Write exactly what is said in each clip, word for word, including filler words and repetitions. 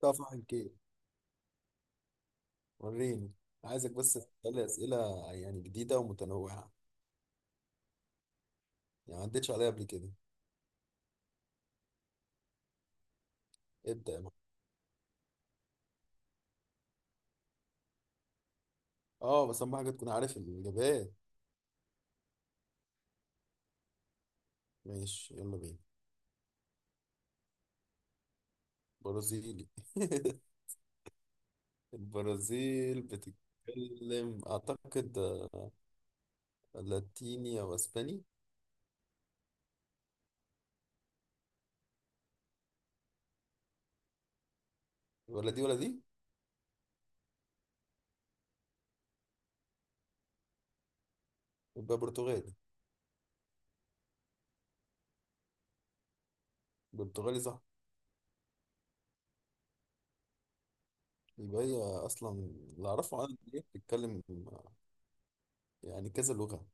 طبعا كده. وريني. عايزك بس تسألي أسئلة يعني جديدة ومتنوعة، يعني ما عدتش عليها قبل كده. ابدأ يا معلم. اه، بس أهم حاجة تكون عارف الإجابات. ماشي يلا بينا. برازيلي. البرازيل بتتكلم أعتقد آه، لاتيني أو أسباني. ولا دي ولا دي. يبقى برتغالي. برتغالي صح. يبقى هي أصلا اللي أعرفه عنها إن هي بتتكلم، آه، يعني كذا لغة،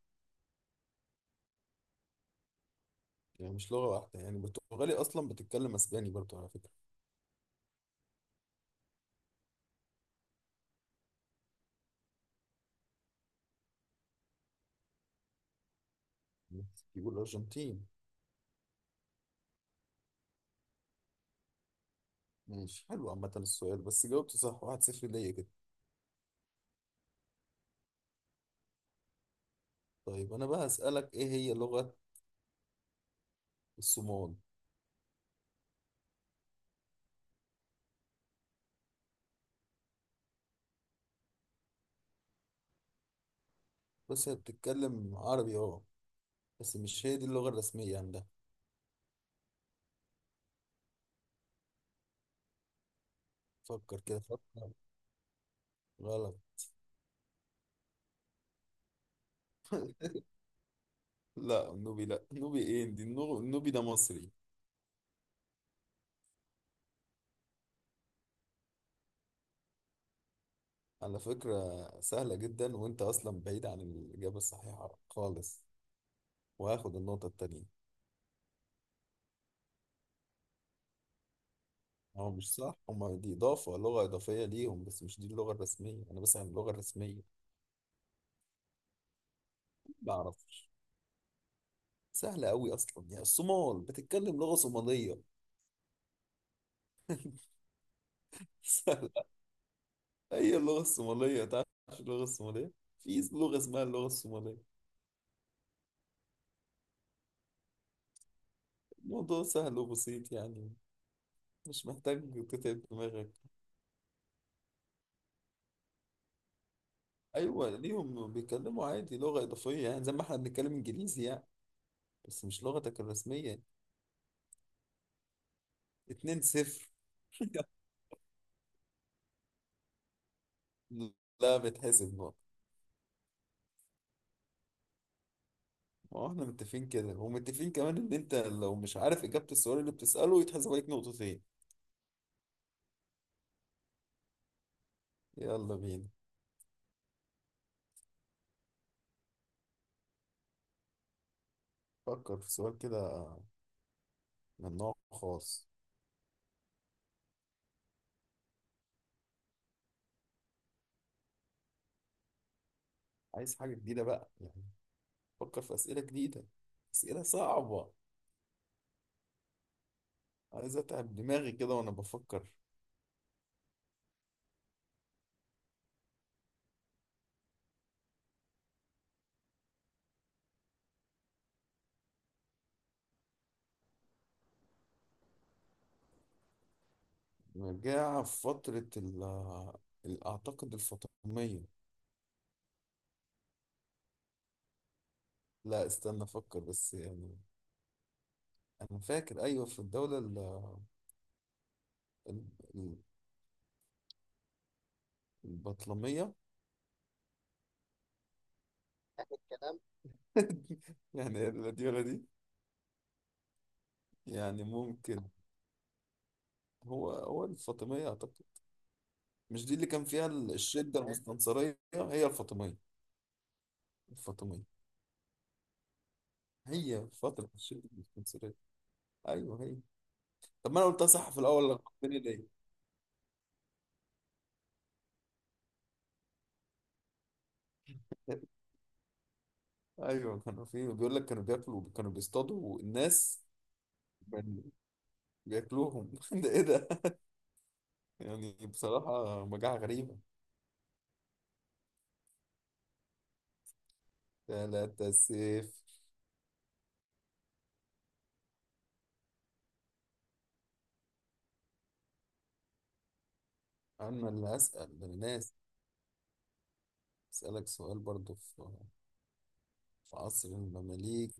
يعني مش لغة واحدة، يعني برتغالي أصلا بتتكلم أسباني برضه على فكرة. مكسيكي والأرجنتين. ماشي حلو، عامة السؤال بس جاوبت صح، واحد صفر ليا كده. طيب أنا بقى هسألك إيه هي لغة الصومال؟ بس هي بتتكلم عربي أه، بس مش هي دي اللغة الرسمية عندها. فكر كده فكر. غلط. لا النوبي لا النوبي إيه دي؟ النو- النوبي ده مصري. على فكرة سهلة جدا، وأنت أصلا بعيد عن الإجابة الصحيحة خالص، وهاخد النقطة التانية. هو مش صح، هما دي إضافة لغة إضافية ليهم، بس مش دي اللغة الرسمية، أنا بسأل عن اللغة الرسمية. بعرف. سهلة أوي أصلا، يعني الصومال بتتكلم لغة صومالية. سهلة. هي اللغة الصومالية. تعرف اللغة الصومالية؟ في لغة اسمها اللغة الصومالية. الموضوع سهل وبسيط يعني، مش محتاج تتعب دماغك. أيوة ليهم بيتكلموا عادي لغة إضافية، يعني زي ما إحنا بنتكلم إنجليزي يعني، بس مش لغتك الرسمية. اتنين صفر. لا بتحسب نقطة. ما هو إحنا متفقين كده، ومتفقين كمان إن أنت لو مش عارف إجابة السؤال اللي بتسأله يتحسب عليك نقطتين. يلا بينا، فكر في سؤال كده من نوع خاص. عايز حاجة جديدة بقى يعني، بفكر في أسئلة جديدة، أسئلة صعبة. عايز أتعب دماغي كده وأنا بفكر. مجاعة في فترة ال ال- أعتقد الفاطمية. لا استنى أفكر بس يعني. أنا فاكر أيوة في الدولة ال ال- ال- البطلمية. يعني لا دي ولا دي. يعني ممكن. هو هو الفاطمية أعتقد. مش دي اللي كان فيها ال- الشدة المستنصرية؟ هي الفاطمية. الفاطمية هي فترة الشتاء في الاسكندرية. ايوه هي. طب ما انا قلتها صح في الاول، لك الدنيا ليه. ايوه كانوا، في بيقول لك كانوا بياكلوا، كانوا بيصطادوا الناس، كانوا بياكلوهم. ده ايه ده؟ يعني بصراحة مجاعة غريبة. لا تسيف، انا اللي هسأل ده الناس. اسألك سؤال برضو في في عصر المماليك.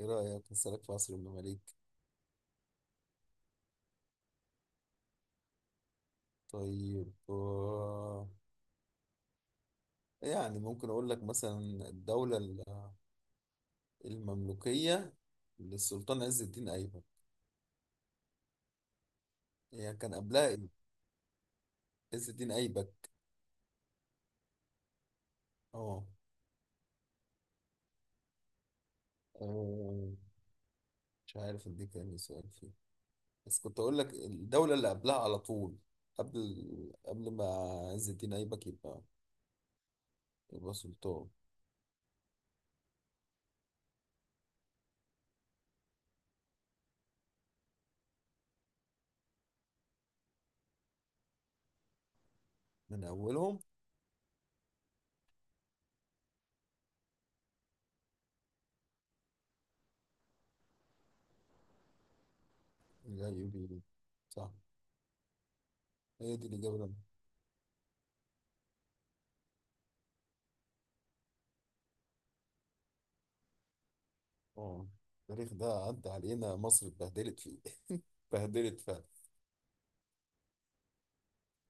ايه رأيك اسألك في عصر المماليك؟ طيب آه، يعني ممكن اقول لك مثلا الدولة ال- المملوكية للسلطان عز الدين أيبك. هي كان قبلها إيه؟ عز الدين أيبك. اه آه، مش عارف دي كان إيه سؤال فيه، بس كنت أقول لك الدولة اللي قبلها على طول، قبل قبل ما عز الدين أيبك يبقى يبقى سلطان من أولهم. الأيوبيين، صح. هي دي الإجابة اللي أنا-. اه التاريخ ده عدى علينا، مصر اتبهدلت فيه. اتبهدلت فعلا.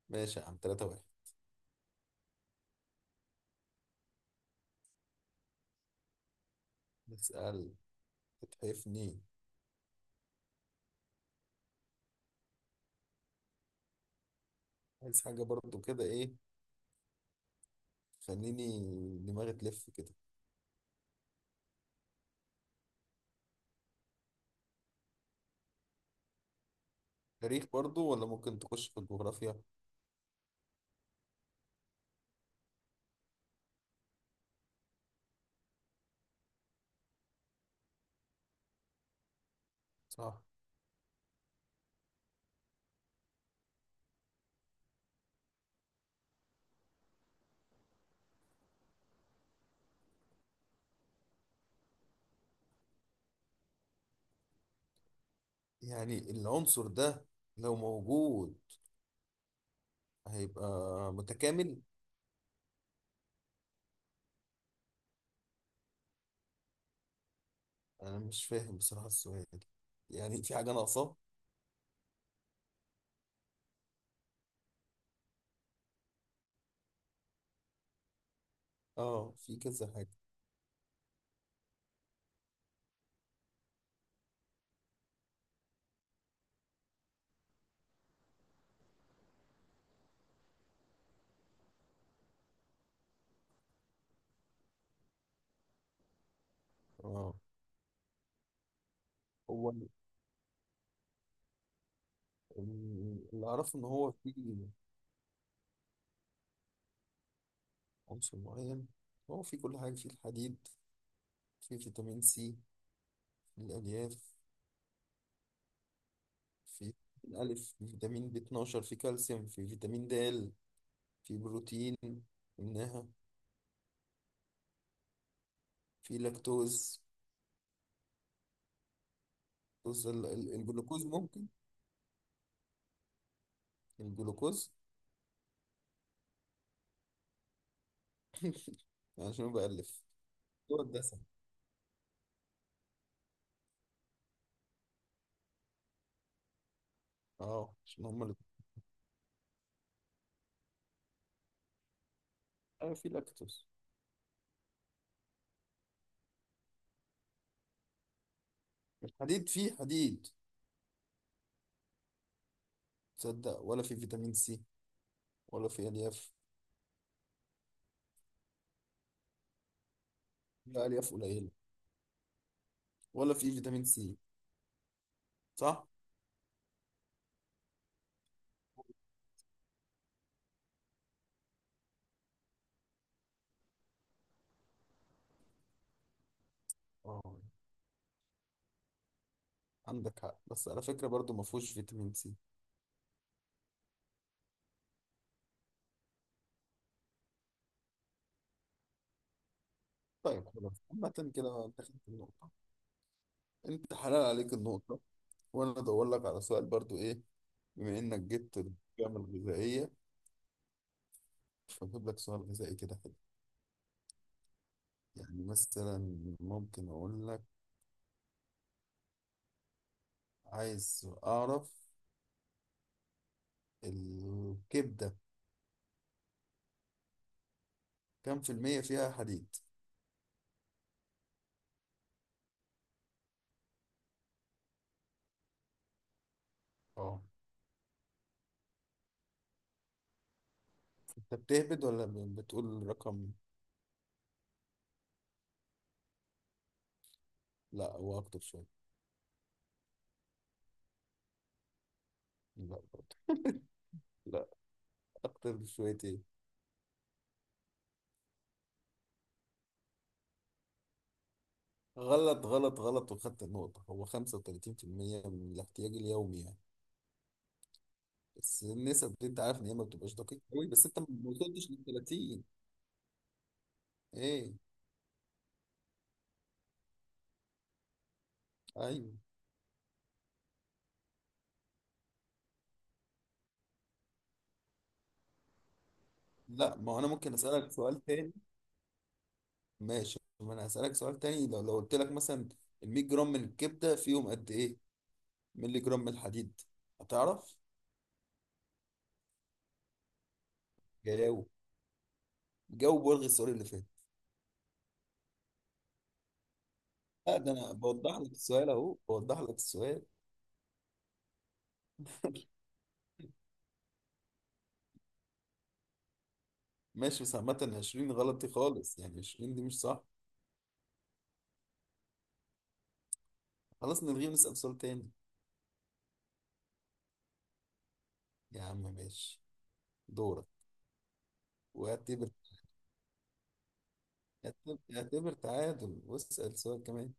ماشي يا عم، تلاتة واحد. نسأل تتحفني. عايز حاجة برضو كده إيه. خليني، دماغي تلف كده. تاريخ برضو ولا ممكن تخش في الجغرافيا؟ صح. يعني العنصر ده لو موجود هيبقى متكامل. انا مش فاهم بصراحة السؤال، يعني في حاجة ناقصة. اه في كذا حاجة. اه هو ال- اللي اعرفه ان هو في عنصر معين. هو في كل حاجة، في الحديد، في فيتامين سي، في الالياف، في الالف، في فيتامين ب اتناشر، في كالسيوم، في فيتامين د، في بروتين. قلناها، في لاكتوز. بص ال- ال- الجلوكوز ممكن. الجلوكوز. عشان بألف. هو الدسم. اه عشان هما الاتنين. آه في لاكتوز. الحديد فيه حديد؟ تصدق ولا في فيتامين سي ولا في ألياف؟ لا ألياف قليلة، ولا في فيتامين سي، صح؟ اه عندك حق، بس على فكرة برضو ما فيهوش فيتامين سي. طيب خلاص عامة كده انت خدت النقطة، انت حلال عليك النقطة، وانا ادور لك على سؤال برضو ايه. بما انك جبت القيم الغذائية فأجيب لك سؤال غذائي كده حلو. يعني مثلا، ممكن أقول لك، عايز أعرف الكبدة كم في المية فيها حديد؟ اه. أنت بتهبد ولا ب- بتقول رقم؟ لا هو أكتر شوية. لا برضه، لا أكتر بشويتين. غلط غلط غلط، وخدت النقطة، هو خمسة وتلاتين في المية من الاحتياج اليومي يعني، بس النسب دي أنت عارف إن هي ما بتبقاش دقيقة أوي، بس أنت ما وصلتش لل ثلاثين. إيه؟ أيوه. لا ما هو أنا ممكن أسألك سؤال تاني. ماشي، ما انا هسألك سؤال تاني. لو لو قلت لك مثلا ال مية جرام من الكبدة فيهم قد ايه مللي جرام من الحديد، هتعرف؟ جاوب، جاوب والغي السؤال اللي فات. لا ده انا بوضح لك السؤال اهو، بوضح لك السؤال. ماشي، بس عامة عشرين غلط دي خالص، يعني عشرين دي مش صح. خلاص نلغيه ونسأل سؤال تاني. يا عم ماشي. دورك. واعتبر، اعتبر اعتبر تعادل واسأل سؤال كمان.